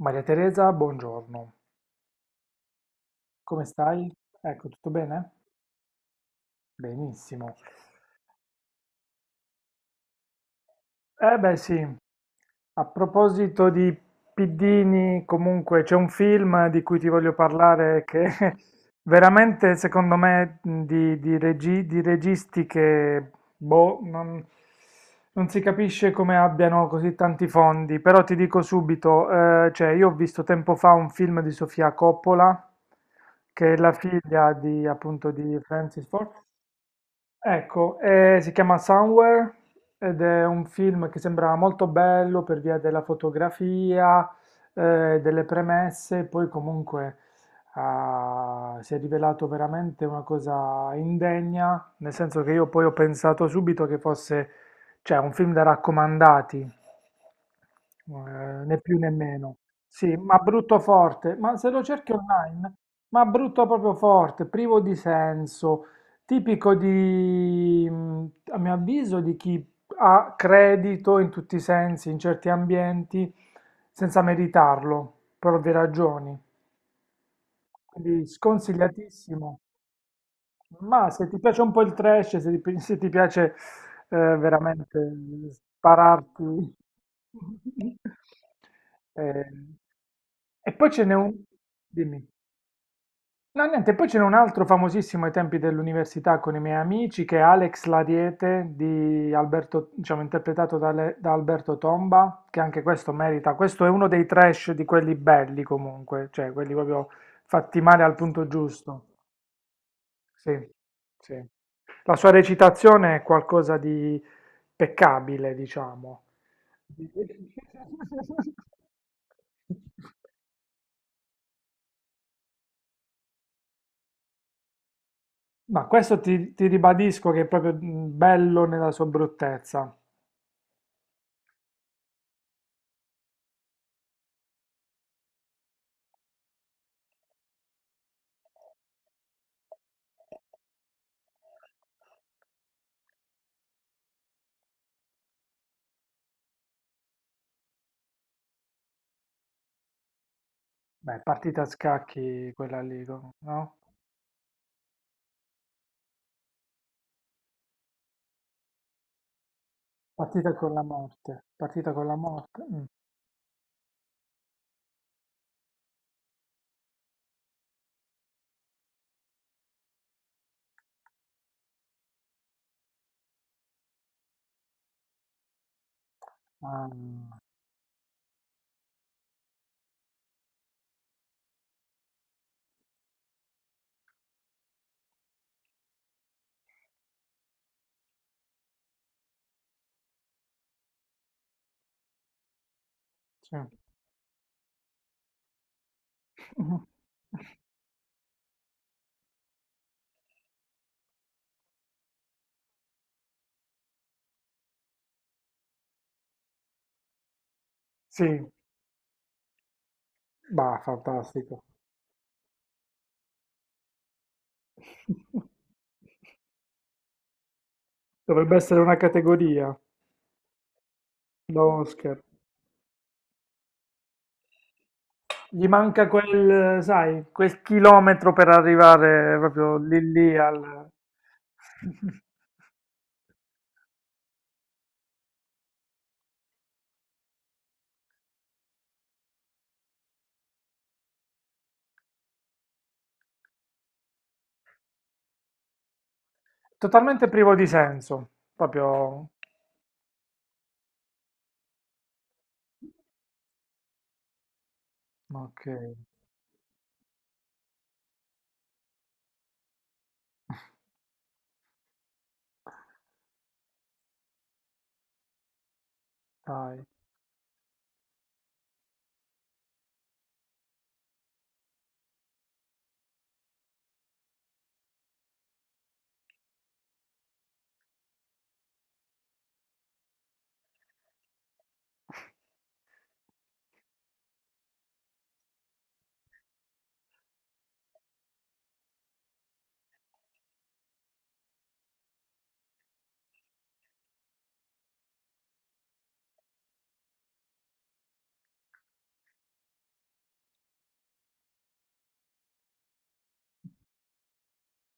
Maria Teresa buongiorno, come stai? Ecco, tutto bene? Benissimo. Beh sì, a proposito di piddini, comunque c'è un film di cui ti voglio parlare che veramente secondo me di registi che non si capisce come abbiano così tanti fondi, però ti dico subito, cioè io ho visto tempo fa un film di Sofia Coppola, che è la figlia di appunto di Francis Ford. Ecco, si chiama Somewhere ed è un film che sembrava molto bello per via della fotografia, delle premesse, poi comunque si è rivelato veramente una cosa indegna, nel senso che io poi ho pensato subito che fosse, cioè, un film da raccomandati, né più né meno. Sì, ma brutto forte, ma se lo cerchi online, ma brutto proprio forte, privo di senso, tipico di, a mio avviso, di chi ha credito in tutti i sensi, in certi ambienti, senza meritarlo, per ovvie ragioni. Quindi sconsigliatissimo. Ma se ti piace un po' il trash, se ti piace veramente spararti. Eh, e poi ce n'è un. Dimmi. No, niente, poi ce n'è un altro famosissimo ai tempi dell'università con i miei amici che è Alex L'Ariete di Alberto, diciamo, interpretato da, da Alberto Tomba, che anche questo merita. Questo è uno dei trash di quelli belli comunque, cioè quelli proprio fatti male al punto giusto. Sì, sì. La sua recitazione è qualcosa di peccabile, diciamo. Ma questo ti ribadisco che è proprio bello nella sua bruttezza. Beh, partita a scacchi quella lì, no? Partita con la morte. Partita con la morte. Mm. Ah, sì. Mhm. Sì, bah, fantastico. Dovrebbe essere una categoria da Oscar. Gli manca quel, sai, quel chilometro per arrivare proprio lì lì al... Totalmente privo di senso, proprio... Ok, dai.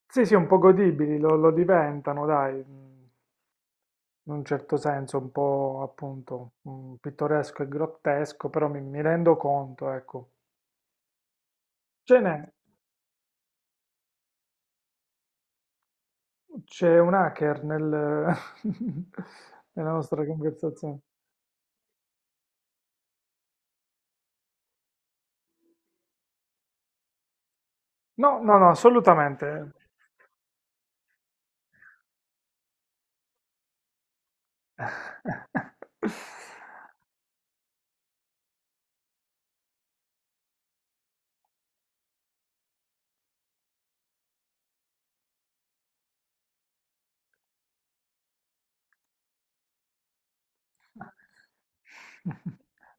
Sì, sì, un po' godibili, lo diventano, dai, in un certo senso, un po' appunto pittoresco e grottesco, però mi rendo conto, ecco. Ce n'è, c'è un hacker nel- nella nostra conversazione. No, no, no, assolutamente.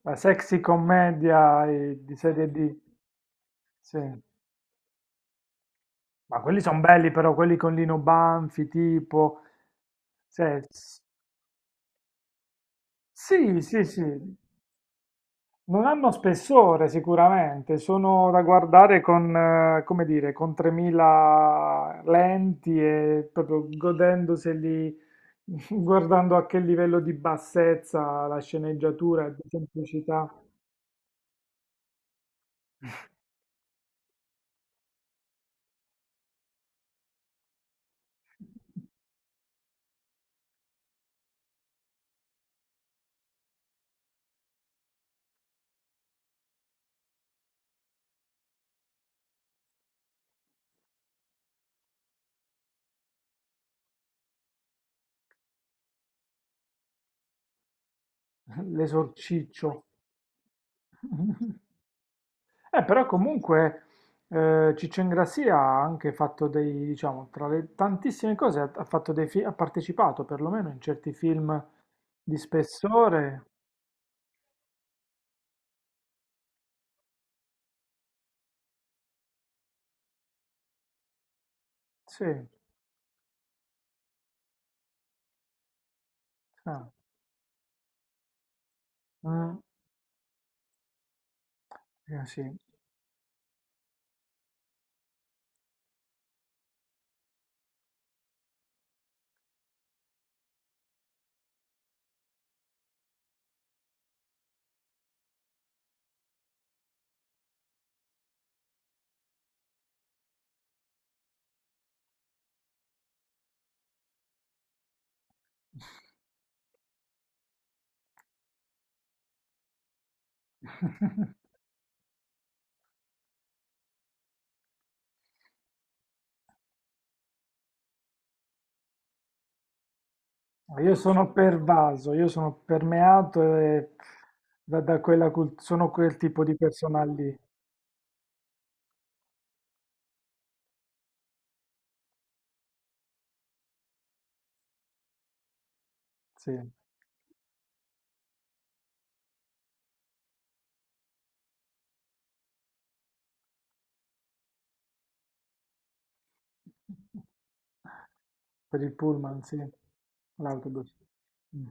La sexy commedia di serie D, sì. Ma quelli sono belli però, quelli con Lino Banfi, tipo... Cioè, sì, sì, sì. Non hanno spessore sicuramente, sono da guardare con, come dire, con 3000 lenti e proprio godendoseli, guardando a che livello di bassezza la sceneggiatura e di semplicità. L'esorciccio. Però comunque Ciccio Ingrassia ha anche fatto dei, diciamo, tra le tantissime cose, ha fatto dei ha partecipato perlomeno in certi film di spessore. Sì, ah, mm, sì. Io sono pervaso, io sono permeato e da quella cult- sono quel tipo di persona lì. Sì. Per il pullman, sì. L'autobus. Mm.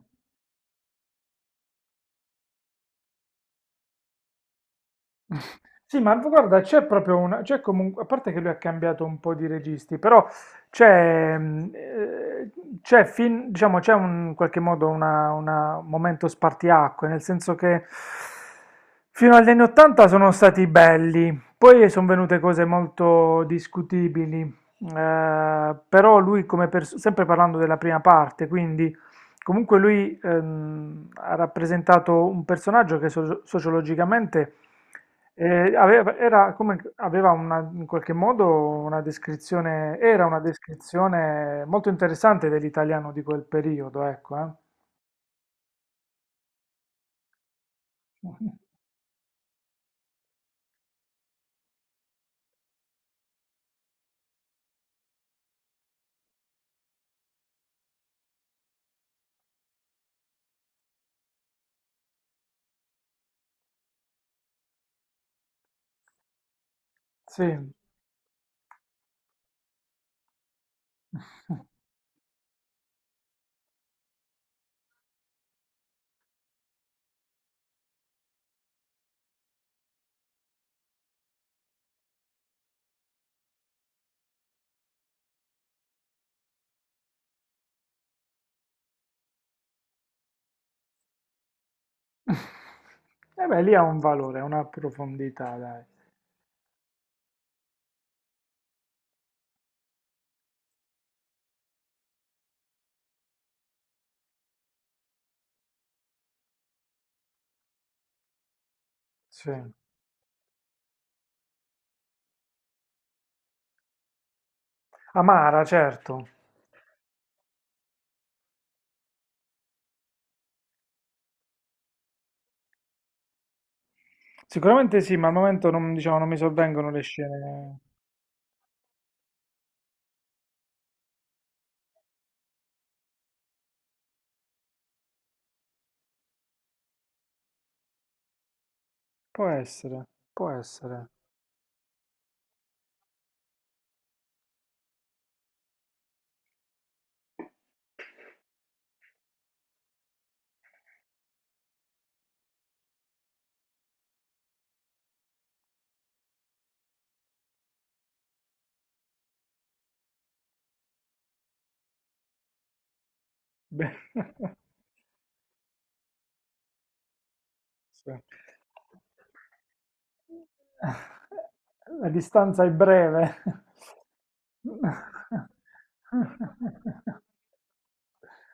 Sì, ma guarda, c'è proprio una, c'è comunque, a parte che lui ha cambiato un po' di registi, però c'è, mm, eh, c'è fin- diciamo, c'è un, in qualche modo un momento spartiacque, nel senso che fino agli anni 80 sono stati belli, poi sono venute cose molto discutibili, però lui come pers- sempre parlando della prima parte, quindi comunque lui ha rappresentato un personaggio che so- sociologicamente aveva, era come, aveva una- in qualche modo una descrizione, era una descrizione molto interessante dell'italiano di quel periodo, ecco, eh. Mhm. Sì. E beh, lì ha un valore, una profondità, dai. Sì. Amara, certo. Sicuramente sì, ma al momento non, diciamo, non mi sovvengono le scene. Può essere, può essere. Beh. Sì. La distanza è breve.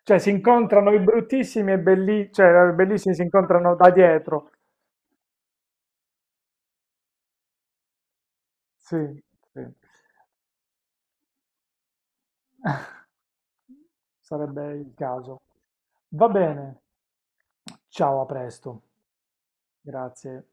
Cioè si incontrano i bruttissimi e belli, cioè i bellissimi si incontrano da dietro. Sì, sì. Sarebbe il caso. Va bene. Ciao, a presto. Grazie.